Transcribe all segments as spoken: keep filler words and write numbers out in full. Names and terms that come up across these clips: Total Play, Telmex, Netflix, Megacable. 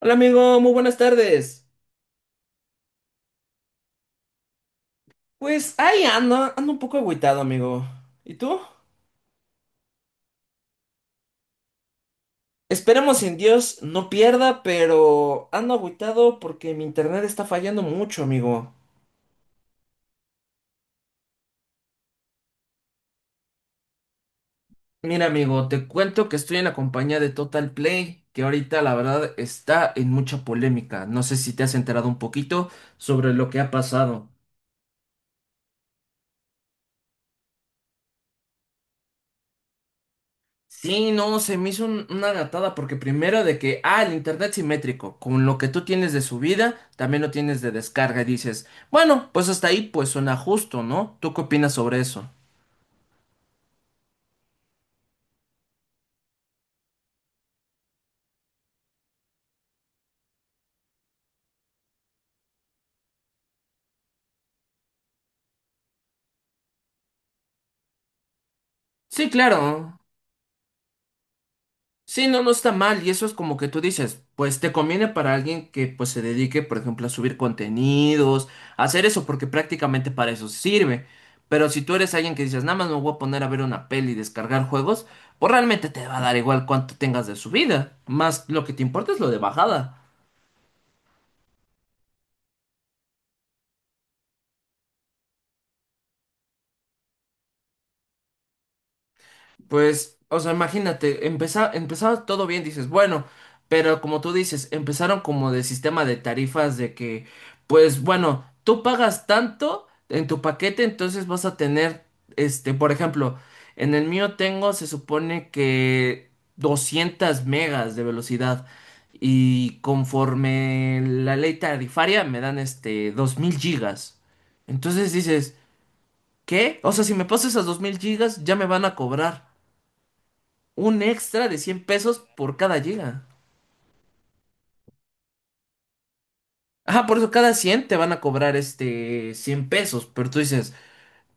Hola amigo, muy buenas tardes. Pues ahí ando, ando un poco agüitado, amigo. ¿Y tú? Esperemos en Dios no pierda, pero ando agüitado porque mi internet está fallando mucho, amigo. Mira, amigo, te cuento que estoy en la compañía de Total Play, que ahorita la verdad está en mucha polémica. No sé si te has enterado un poquito sobre lo que ha pasado. Sí, no, se me hizo un- una gatada porque primero de que, ah, el internet simétrico, con lo que tú tienes de subida, también lo tienes de descarga y dices, bueno, pues hasta ahí pues suena justo, ¿no? ¿Tú qué opinas sobre eso? Sí, claro. Sí, no, no está mal. Y eso es como que tú dices, pues te conviene para alguien que pues se dedique, por ejemplo, a subir contenidos, a hacer eso, porque prácticamente para eso sirve. Pero si tú eres alguien que dices, nada más me voy a poner a ver una peli y descargar juegos, pues realmente te va a dar igual cuánto tengas de subida. Más lo que te importa es lo de bajada. Pues, o sea, imagínate, empeza- empezaba todo bien, dices, bueno, pero como tú dices, empezaron como de sistema de tarifas de que, pues bueno, tú pagas tanto en tu paquete, entonces vas a tener, este, por ejemplo, en el mío tengo, se supone que doscientas megas de velocidad y conforme la ley tarifaria me dan, este, dos mil gigas. Entonces dices, ¿qué? O sea, si me paso esas dos mil gigas, ya me van a cobrar un extra de cien pesos por cada giga. Ajá, por eso cada cien te van a cobrar este cien pesos, pero tú dices,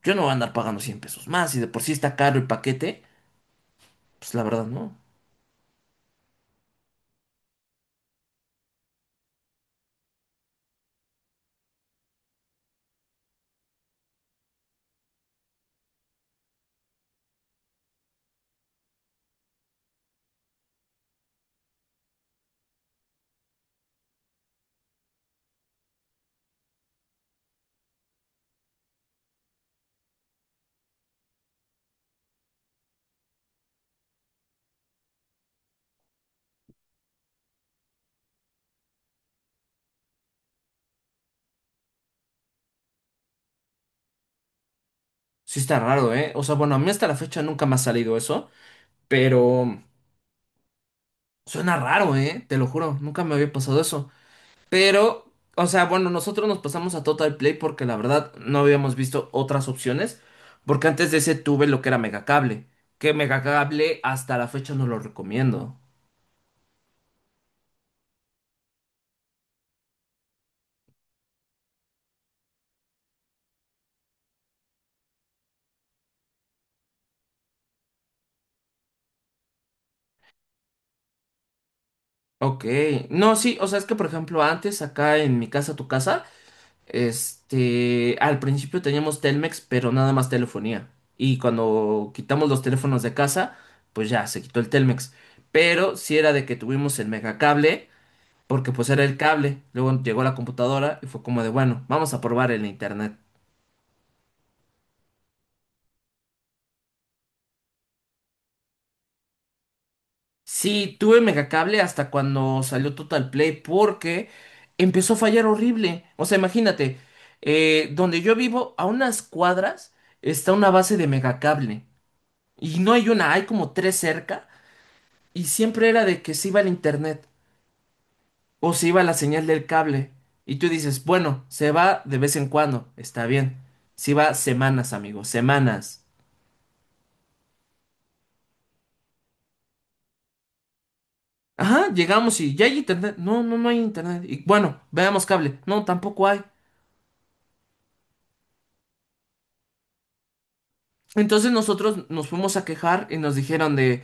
yo no voy a andar pagando cien pesos más y de por sí está caro el paquete, pues la verdad no. Sí está raro, ¿eh? O sea, bueno, a mí hasta la fecha nunca me ha salido eso, pero suena raro, ¿eh? Te lo juro, nunca me había pasado eso. Pero, o sea, bueno, nosotros nos pasamos a Total Play porque la verdad no habíamos visto otras opciones, porque antes de ese tuve lo que era Megacable, que Megacable hasta la fecha no lo recomiendo. Ok, no, sí, o sea, es que por ejemplo antes acá en mi casa, tu casa, este, al principio teníamos Telmex, pero nada más telefonía. Y cuando quitamos los teléfonos de casa, pues ya se quitó el Telmex. Pero sí era de que tuvimos el megacable, porque pues era el cable. Luego llegó la computadora y fue como de, bueno, vamos a probar el internet. Sí, tuve megacable hasta cuando salió Total Play porque empezó a fallar horrible. O sea, imagínate, eh, donde yo vivo, a unas cuadras está una base de megacable. Y no hay una, hay como tres cerca. Y siempre era de que se iba el internet o se iba la señal del cable. Y tú dices, bueno, se va de vez en cuando, está bien. Se va semanas, amigo, semanas. Ajá, llegamos y ya hay internet. No, no, no hay internet. Y bueno, veamos cable. No, tampoco hay. Entonces nosotros nos fuimos a quejar y nos dijeron de,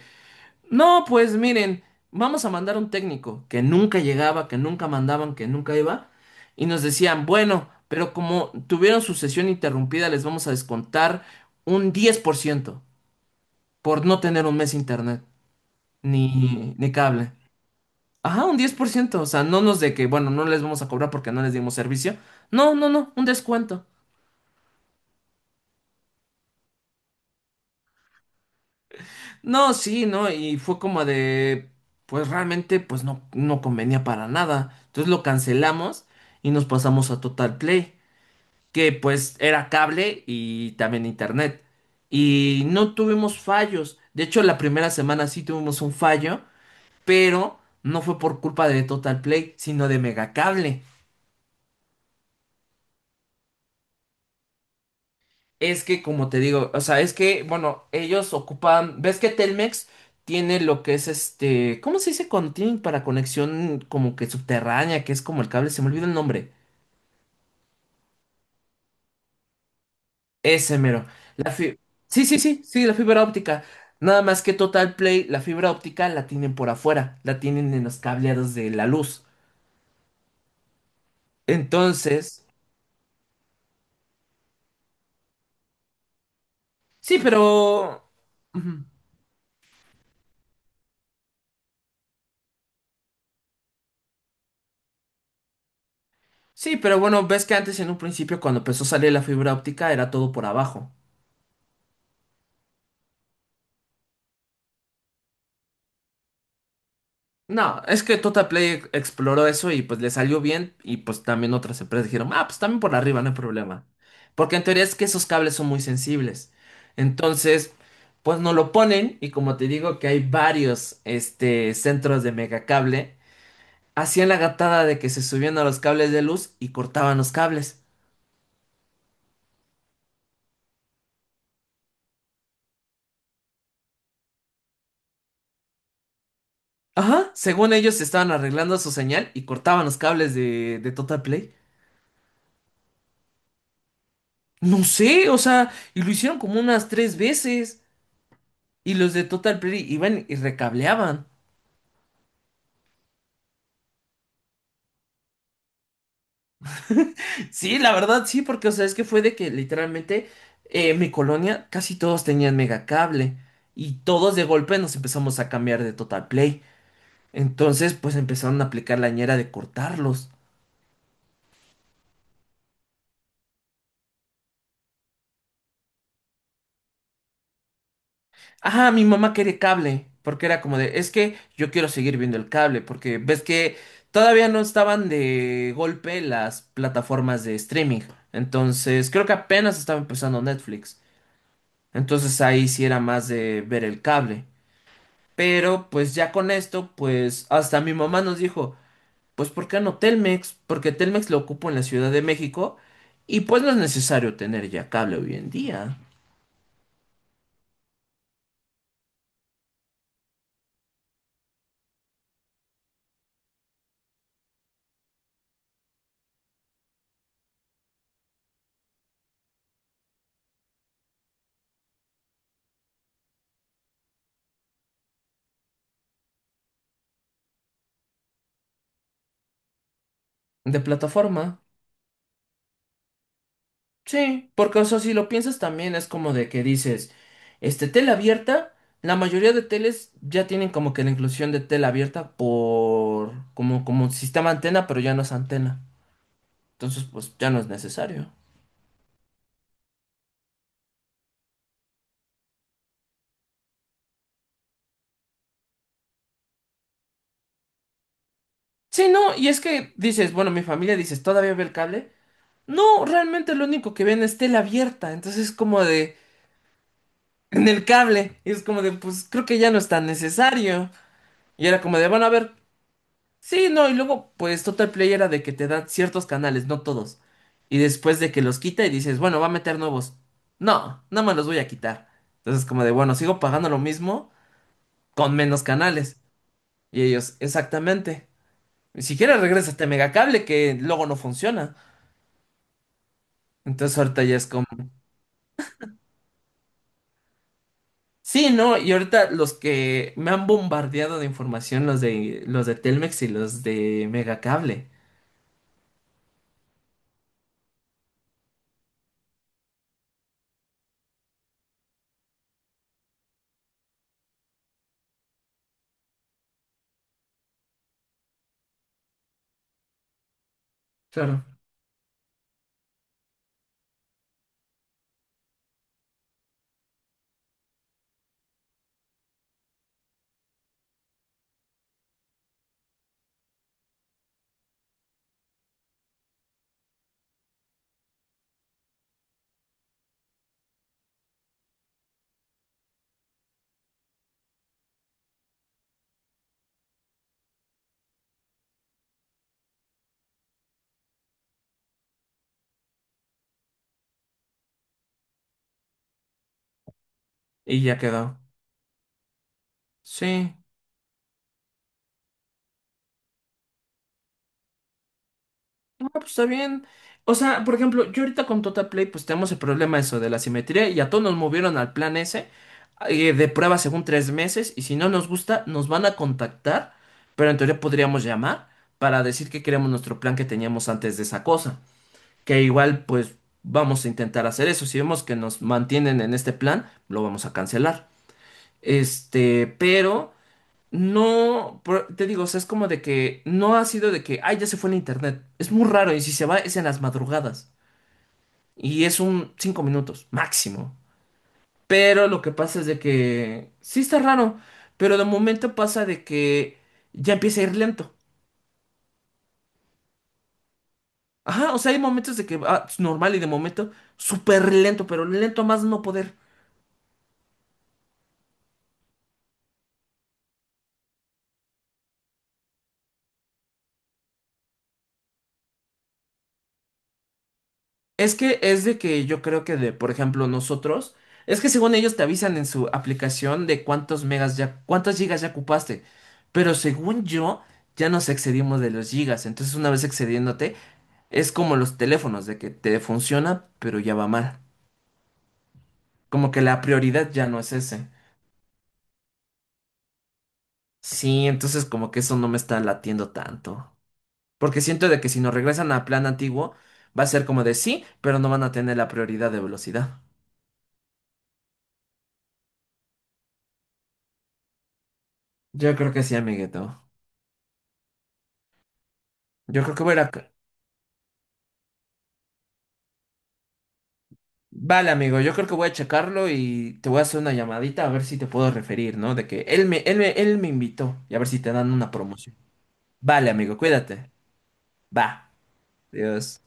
no, pues miren, vamos a mandar un técnico que nunca llegaba, que nunca mandaban, que nunca iba. Y nos decían, bueno, pero como tuvieron su sesión interrumpida, les vamos a descontar un diez por ciento por no tener un mes internet, ni, ni cable. Ajá, un diez por ciento o sea, no nos de que, bueno, no les vamos a cobrar porque no les dimos servicio. No, no, no, un descuento. No, sí, no, y fue como de, pues realmente, pues no, no convenía para nada. Entonces lo cancelamos y nos pasamos a Total Play, que pues era cable y también internet. Y no tuvimos fallos. De hecho, la primera semana sí tuvimos un fallo, pero no fue por culpa de Total Play, sino de Megacable. Es que, como te digo, o sea, es que, bueno, ellos ocupan, ves que Telmex tiene lo que es este, ¿cómo se dice cuando tienen para conexión como que subterránea, que es como el cable? Se me olvida el nombre. Ese mero. La fi- Sí, sí, sí, sí, la fibra óptica. Nada más que Total Play, la fibra óptica la tienen por afuera, la tienen en los cableados de la luz. Entonces, sí, pero. Ujú. Sí, pero bueno, ves que antes en un principio cuando empezó a salir la fibra óptica era todo por abajo. No, es que Total Play ex- exploró eso y pues le salió bien y pues también otras empresas dijeron, ah, pues también por arriba, no hay problema. Porque en teoría es que esos cables son muy sensibles. Entonces, pues no lo ponen y como te digo que hay varios este, centros de megacable, hacían la gatada de que se subían a los cables de luz y cortaban los cables. Ajá, según ellos estaban arreglando su señal y cortaban los cables de, de, Total Play. No sé, o sea, y lo hicieron como unas tres veces. Y los de Total Play iban y recableaban. Sí, la verdad, sí, porque, o sea, es que fue de que literalmente eh, mi colonia casi todos tenían megacable. Y todos de golpe nos empezamos a cambiar de Total Play. Entonces, pues empezaron a aplicar la ñera de cortarlos. Ajá, mi mamá quería cable. Porque era como de, es que yo quiero seguir viendo el cable. Porque ves que todavía no estaban de golpe las plataformas de streaming. Entonces, creo que apenas estaba empezando Netflix. Entonces ahí sí era más de ver el cable. Pero pues ya con esto, pues hasta mi mamá nos dijo, pues ¿por qué no Telmex? Porque Telmex lo ocupo en la Ciudad de México y pues no es necesario tener ya cable hoy en día de plataforma. Sí, porque o sea, si lo piensas también es como de que dices, este tela abierta, la mayoría de teles ya tienen como que la inclusión de tela abierta por como como sistema antena, pero ya no es antena. Entonces, pues ya no es necesario. Sí, no, y es que dices, bueno, mi familia dices, ¿todavía ve el cable? No, realmente lo único que ven es tela abierta, entonces es como de, en el cable, y es como de, pues creo que ya no es tan necesario. Y era como de, bueno, a ver, sí, no, y luego, pues Total Play era de que te dan ciertos canales, no todos. Y después de que los quita y dices, bueno, va a meter nuevos. No, no me los voy a quitar. Entonces como de, bueno, sigo pagando lo mismo con menos canales. Y ellos, exactamente. Ni siquiera regresa este megacable que luego no funciona. Entonces ahorita ya es como, sí, ¿no? Y ahorita los que me han bombardeado de información, los de los de Telmex y los de Megacable. Claro. Y ya quedó. Sí, no, pues está bien. O sea, por ejemplo, yo ahorita con Totaplay, pues tenemos el problema eso de la simetría y a todos nos movieron al plan ese eh, de prueba según tres meses y si no nos gusta, nos van a contactar, pero en teoría podríamos llamar para decir que queremos nuestro plan que teníamos antes de esa cosa. Que igual pues vamos a intentar hacer eso. Si vemos que nos mantienen en este plan, lo vamos a cancelar. Este, pero no, por- te digo, o sea, es como de que no ha sido de que, ay, ya se fue el internet. Es muy raro y si se va es en las madrugadas y es un cinco minutos máximo. Pero lo que pasa es de que sí está raro, pero de momento pasa de que ya empieza a ir lento. Ajá, o sea, hay momentos de que va normal y de momento súper lento, pero lento a más no poder. Es que es de que yo creo que de, por ejemplo, nosotros, es que según ellos te avisan en su aplicación de cuántos megas ya, cuántas gigas ya ocupaste, pero según yo, ya nos excedimos de los gigas, entonces una vez excediéndote, es como los teléfonos, de que te funciona, pero ya va mal, como que la prioridad ya no es ese. Sí, entonces como que eso no me está latiendo tanto, porque siento de que si nos regresan a plan antiguo, va a ser como de sí, pero no van a tener la prioridad de velocidad. Yo creo que sí, amiguito. Yo creo que voy a ir a. Vale, amigo, yo creo que voy a checarlo y te voy a hacer una llamadita a ver si te puedo referir, ¿no? De que él me, él me, él me invitó y a ver si te dan una promoción. Vale, amigo, cuídate. Va. Adiós.